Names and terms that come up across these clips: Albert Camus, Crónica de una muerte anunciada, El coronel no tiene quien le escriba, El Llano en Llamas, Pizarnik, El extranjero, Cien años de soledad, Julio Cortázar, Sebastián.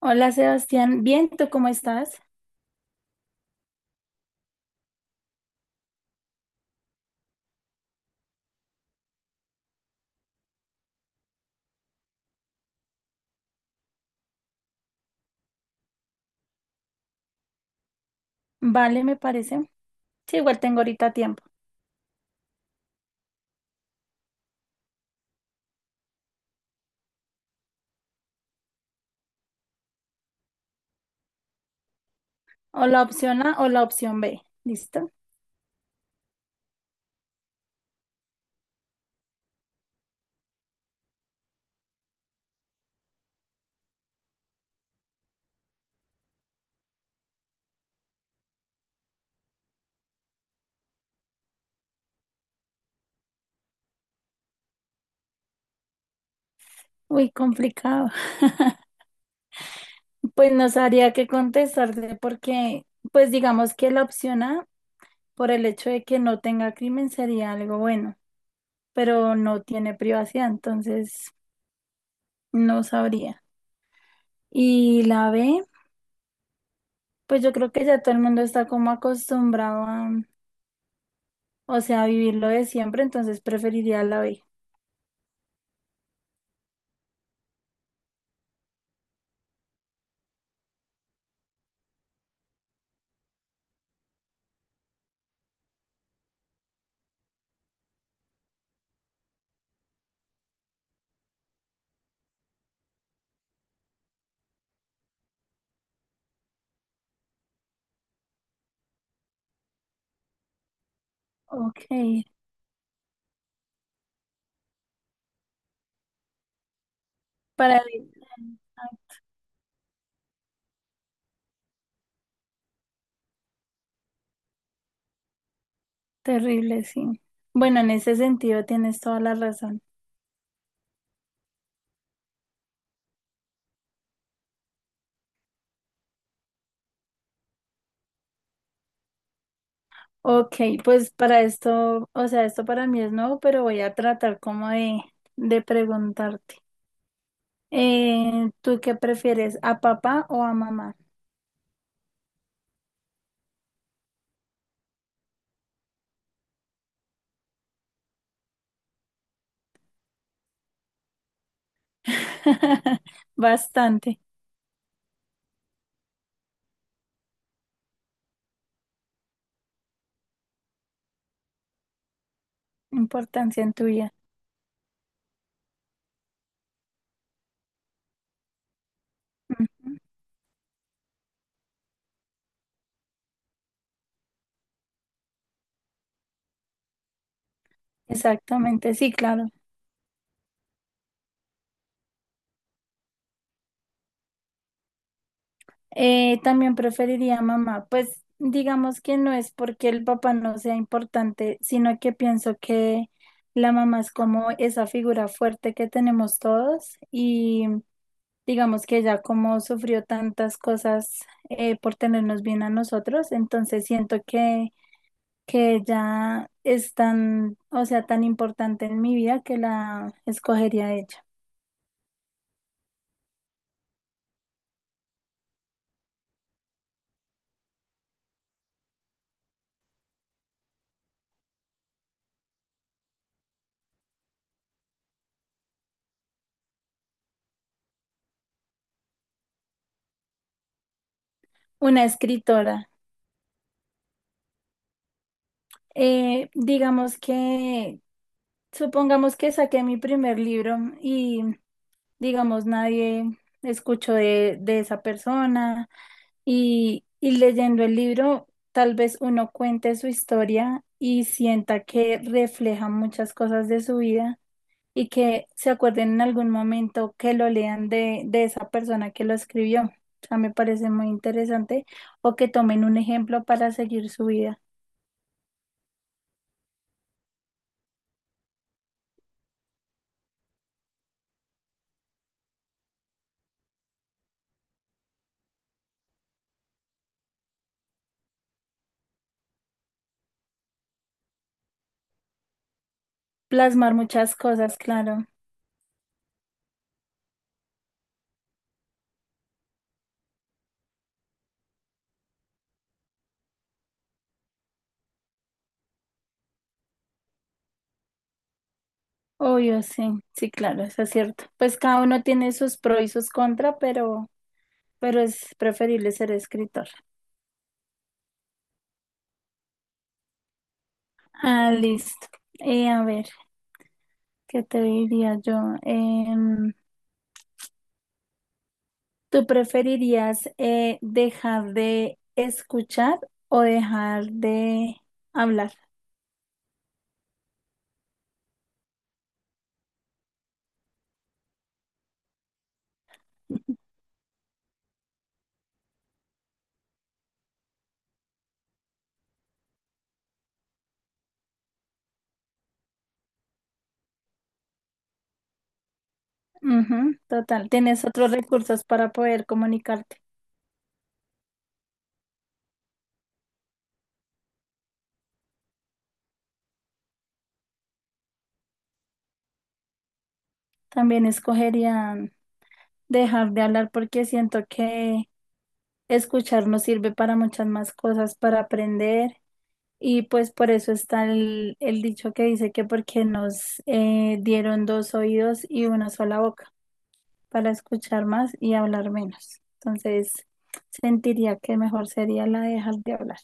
Hola Sebastián, bien, ¿tú cómo estás? Vale, me parece. Sí, igual tengo ahorita tiempo. O la opción A o la opción B. ¿Listo? Uy, complicado. Pues no sabría qué contestarte porque, pues digamos que la opción A, por el hecho de que no tenga crimen, sería algo bueno, pero no tiene privacidad, entonces no sabría. Y la B, pues yo creo que ya todo el mundo está como acostumbrado o sea, a vivirlo de siempre, entonces preferiría la B. Ok. Para el- ay. Terrible, sí. Bueno, en ese sentido tienes toda la razón. Ok, pues para esto, o sea, esto para mí es nuevo, pero voy a tratar como de preguntarte. ¿Tú qué prefieres, a papá o a mamá? Bastante importancia en tu vida. Ujú. Exactamente, sí, claro. También preferiría a mamá, pues digamos que no es porque el papá no sea importante, sino que pienso que la mamá es como esa figura fuerte que tenemos todos y digamos que ella como sufrió tantas cosas por tenernos bien a nosotros, entonces siento que ella es tan, o sea, tan importante en mi vida que la escogería a ella. Una escritora. Digamos que supongamos que saqué mi primer libro y, digamos, nadie escuchó de esa persona y leyendo el libro, tal vez uno cuente su historia y sienta que refleja muchas cosas de su vida y que se acuerden en algún momento que lo lean de esa persona que lo escribió. O sea, me parece muy interesante o que tomen un ejemplo para seguir su vida. Plasmar muchas cosas, claro. Obvio, sí, sí, claro, eso es cierto. Pues cada uno tiene sus pros y sus contras, pero es preferible ser escritor. Ah, listo. A ver, ¿qué te diría yo? ¿Tú preferirías dejar de escuchar o dejar de hablar? Ujú, total, tienes otros recursos para poder comunicarte. También escogería dejar de hablar porque siento que escuchar nos sirve para muchas más cosas, para aprender. Y pues por eso está el dicho que dice que porque nos dieron dos oídos y una sola boca para escuchar más y hablar menos. Entonces, sentiría que mejor sería la de dejar de hablar.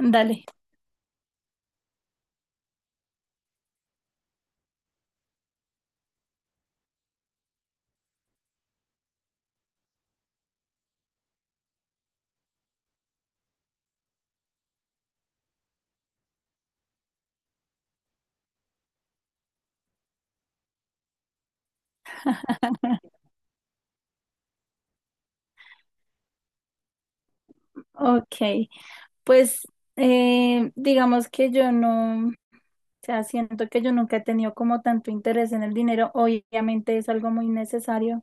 Dale. Ok, pues digamos que yo no, o sea, siento que yo nunca he tenido como tanto interés en el dinero. Obviamente es algo muy necesario,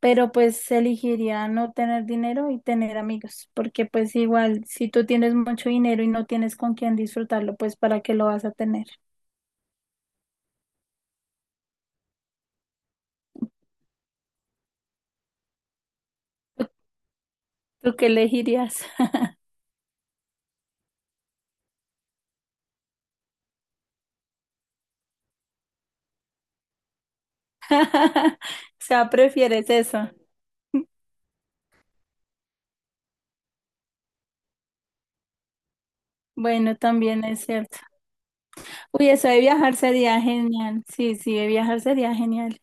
pero pues elegiría no tener dinero y tener amigos, porque pues igual si tú tienes mucho dinero y no tienes con quién disfrutarlo, pues ¿para qué lo vas a tener? ¿Tú qué elegirías? O sea, prefieres eso. Bueno, también es cierto. Uy, eso de viajar sería genial. Sí, sí, de viajar sería genial.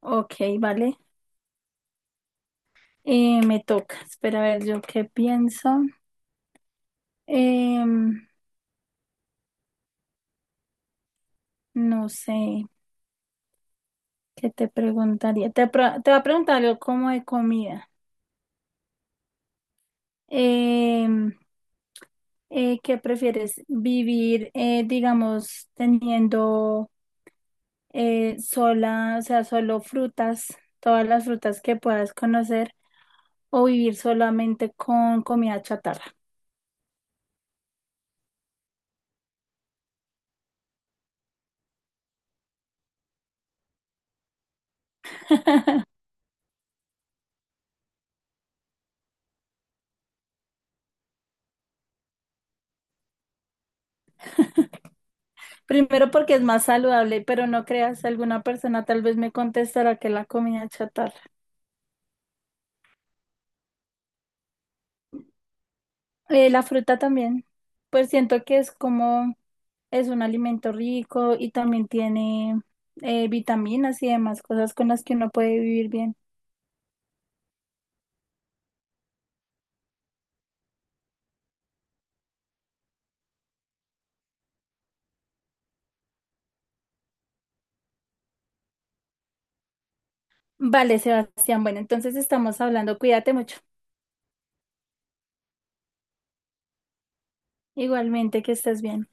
Ok, vale. Me toca. Espera a ver, yo qué pienso. Em, no sé, ¿qué te preguntaría? Te voy a preguntar algo como de comida. Em, ¿qué prefieres? ¿Vivir, digamos, teniendo sola, o sea, solo frutas, todas las frutas que puedas conocer, o vivir solamente con comida chatarra? Primero porque es más saludable, pero no creas, alguna persona tal vez me contestará que la comida chatarra. La fruta también, pues siento que es como... es un alimento rico y también tiene vitaminas y demás cosas con las que uno puede vivir bien. Vale, Sebastián. Bueno, entonces estamos hablando. Cuídate mucho. Igualmente, que estés bien.